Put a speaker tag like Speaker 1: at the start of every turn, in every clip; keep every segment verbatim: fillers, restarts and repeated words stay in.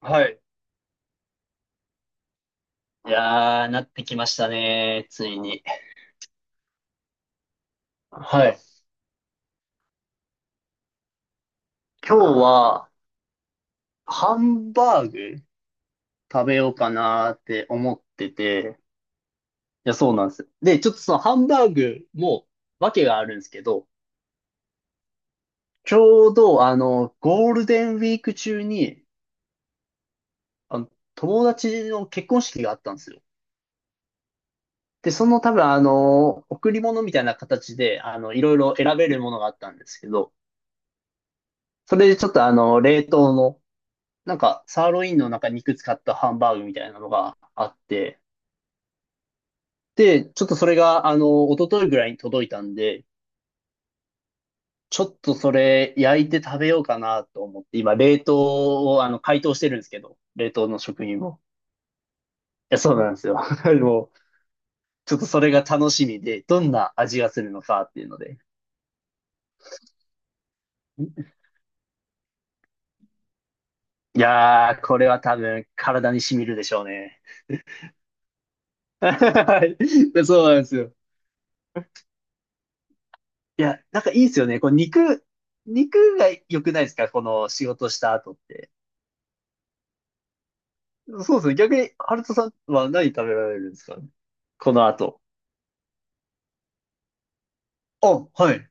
Speaker 1: はい。いやー、なってきましたね。ついに。はい。今日は、ハンバーグ食べようかなーって思ってて、いや、そうなんです。で、ちょっとそのハンバーグも、わけがあるんですけど、ちょうど、あの、ゴールデンウィーク中に、あの、友達の結婚式があったんですよ。で、その多分、あの、贈り物みたいな形で、あの、いろいろ選べるものがあったんですけど、それでちょっとあの、冷凍のなんか、サーロインの中に肉使ったハンバーグみたいなのがあって、で、ちょっとそれが、あの、一昨日ぐらいに届いたんで、ちょっとそれ焼いて食べようかなと思って、今、冷凍を、あの、解凍してるんですけど、冷凍の食品も。いや、そうなんですよ。でもう、ちょっとそれが楽しみで、どんな味がするのかっていうので。いやー、これは多分、体に染みるでしょうね。はい。そうなんですよ。いや、なんかいいですよね。こう肉、肉が良くないですかこの仕事した後って。そうですね。逆に、ハルトさんは何食べられるんですかこの後。あ、はい。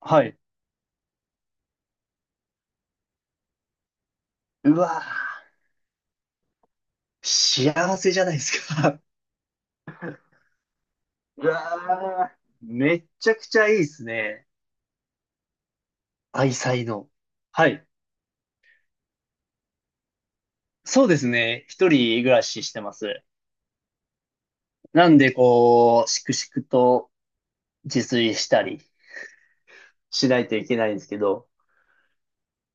Speaker 1: はい。うわー、幸せじゃないですか。うわー、めっちゃくちゃいいですね。愛妻の。はい。そうですね。一人暮らししてます。なんで、こう、しくしくと自炊したりしないといけないんですけど、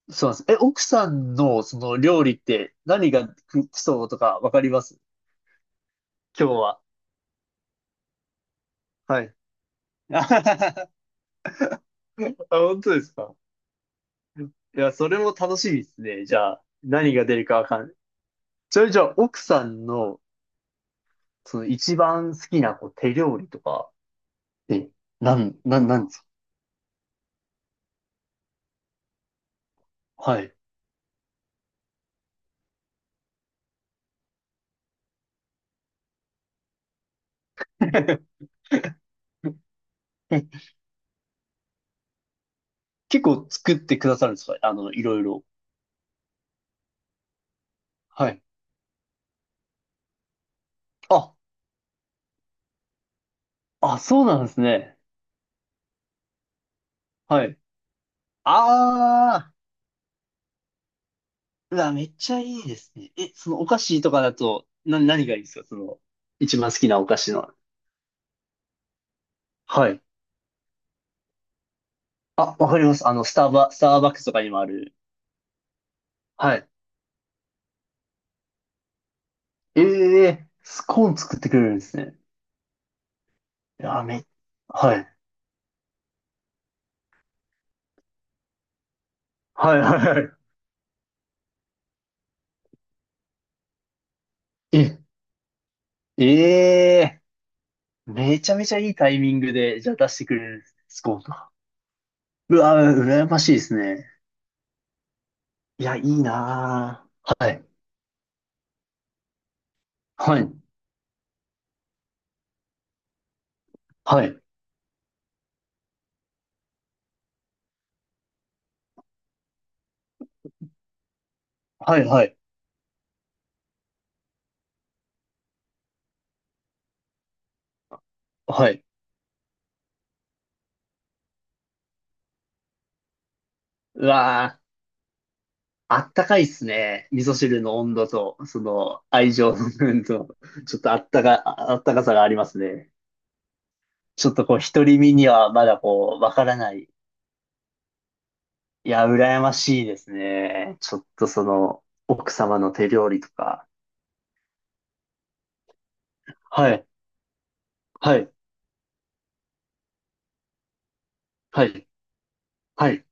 Speaker 1: そうなんです。え、奥さんのその料理って何がく基礎とかわかります今日は。はい。あ、本当ですか。いや、それも楽しみですね。じゃあ、何が出るかわかんない。それじゃあ、奥さんの、その一番好きなこう手料理とかってなん、なん、なんですかはい。結構作ってくださるんですかあの、いろいろ。はい。あ、あ、そうなんですね。はい。ああ、うわ、めっちゃいいですね。え、そのお菓子とかだと、な、何がいいですかその、一番好きなお菓子の。はい。あ、わかります。あの、スターバ、スターバックスとかにもある。はい。ええスコーン作ってくれるんですね。いや、め、はい。はいはいはい。え、ええめちゃめちゃいいタイミングで、じゃあ出してくれるんですねスコーンとか。うわ、羨ましいですね。いや、いいなぁ。はい。はい。はい。はいはい。はい。うわぁ。あったかいっすね。味噌汁の温度と、その愛情の部分と、ちょっとあったか、ああったかさがありますね。ちょっとこう、独り身にはまだこう、わからない。いや、羨ましいですね。ちょっとその、奥様の手料理とか。はい、はい、はい、はい。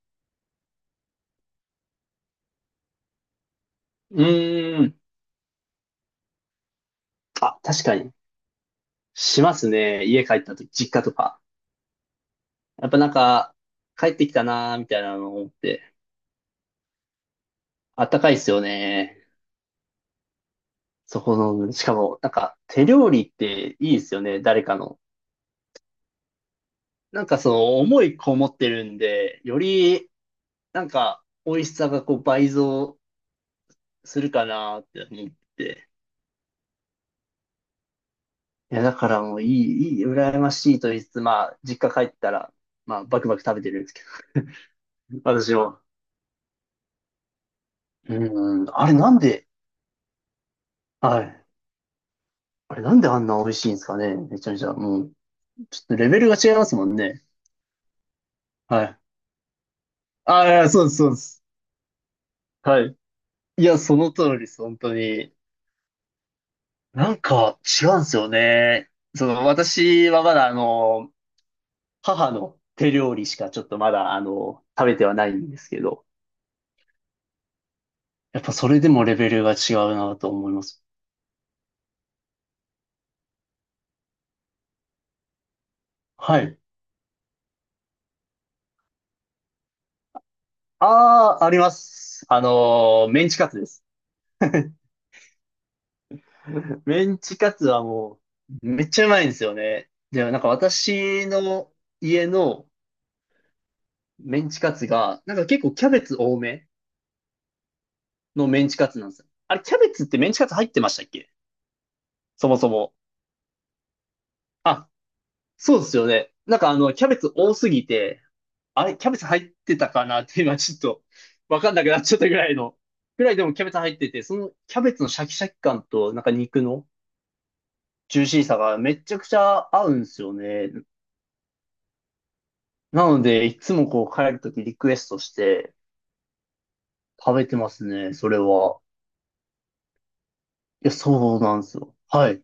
Speaker 1: うーん。あ、確かに。しますね。家帰った時、実家とか。やっぱなんか、帰ってきたなーみたいなのを思って。あったかいっすよね。そこの、しかも、なんか、手料理っていいですよね、誰かの。なんかその、思いこもってるんで、より、なんか、美味しさがこう倍増するかなって思って。いや、だからもういい、いい、羨ましいと言いつつ、まあ、実家帰ったら、まあ、バクバク食べてるんですけど、私も。うん、あれなんで、はい。あれなんであんな美味しいんですかね、めちゃめちゃ。もう、ちょっとレベルが違いますもんね。はい。ああ、そうです、そうです。はい。いや、その通りです、本当に。なんか違うんですよね。その、私はまだあの、母の手料理しかちょっとまだあの、食べてはないんですけど、やっぱそれでもレベルが違うなと思います。はい。ああ、あります。あのー、メンチカツです。メンチカツはもう、めっちゃうまいんですよね。で、なんか私の家のメンチカツが、なんか結構キャベツ多めのメンチカツなんですよ。あれ、キャベツってメンチカツ入ってましたっけそもそも。あ、そうですよね。なんかあの、キャベツ多すぎて、あれ、キャベツ入ってたかなって今ちょっとわかんなくなっちゃったぐらいの、ぐらいでもキャベツ入ってて、そのキャベツのシャキシャキ感となんか肉のジューシーさがめちゃくちゃ合うんですよね。なので、いつもこう帰るときリクエストして食べてますね、それは。いや、そうなんですよ。はい。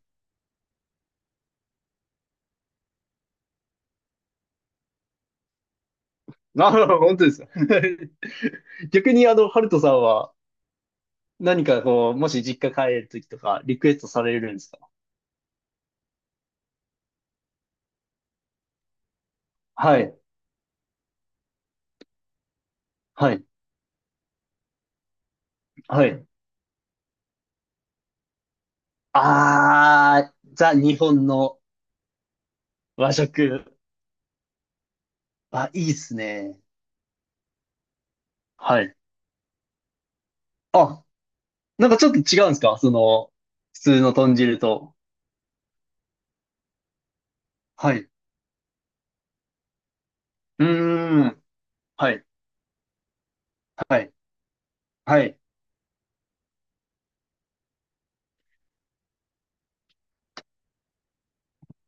Speaker 1: あ、本当ですか。逆にあの、ハルトさんは何かこう、もし実家帰るときとかリクエストされるんですかはい、はい、はい。あー、ザ・日本の和食。あ、いいっすね。はい。あ、なんかちょっと違うんですかその、普通の豚汁と。はい。うーん。はい、はい、はい。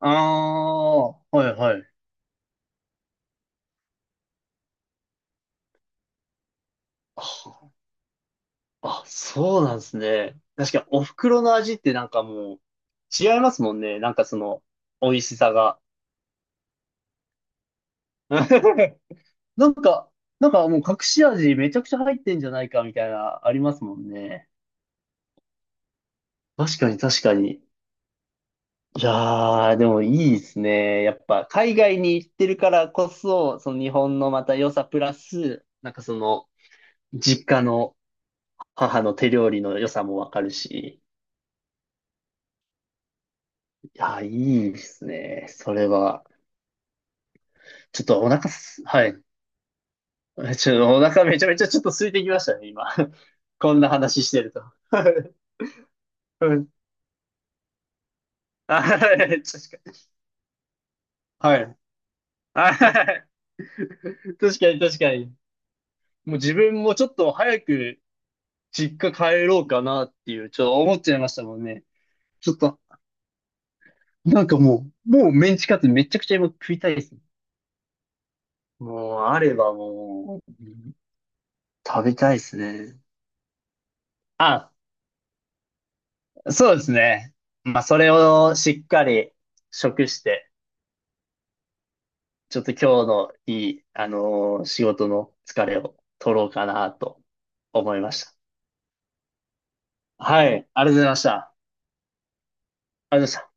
Speaker 1: あー、はい、はい。あ、そうなんですね。確かにお袋の味ってなんかもう違いますもんね。なんかその美味しさが。なんか、なんかもう隠し味めちゃくちゃ入ってんじゃないかみたいな、ありますもんね。確かに確かに。いやー、でもいいですね。やっぱ海外に行ってるからこそ、その日本のまた良さプラス、なんかその実家の母の手料理の良さもわかるし。いやー、いいですね。それは。ちょっとお腹す、はい。ちょっとお腹めちゃめちゃちょっと空いてきましたね、今。こんな話してると。うんあはい確かに。はい。あ 確かに確かに。もう自分もちょっと早く実家帰ろうかなっていう、ちょっと思っちゃいましたもんね。ちょっと、なんかもう、もうメンチカツめちゃくちゃ今食いたいですね。もう、あればもう、うん食べたいですね。あ、そうですね。まあ、それをしっかり食して、ちょっと今日のいい、あのー仕事の疲れを取ろうかなと思いました。はい、ありがとうございました。ありがとうございました。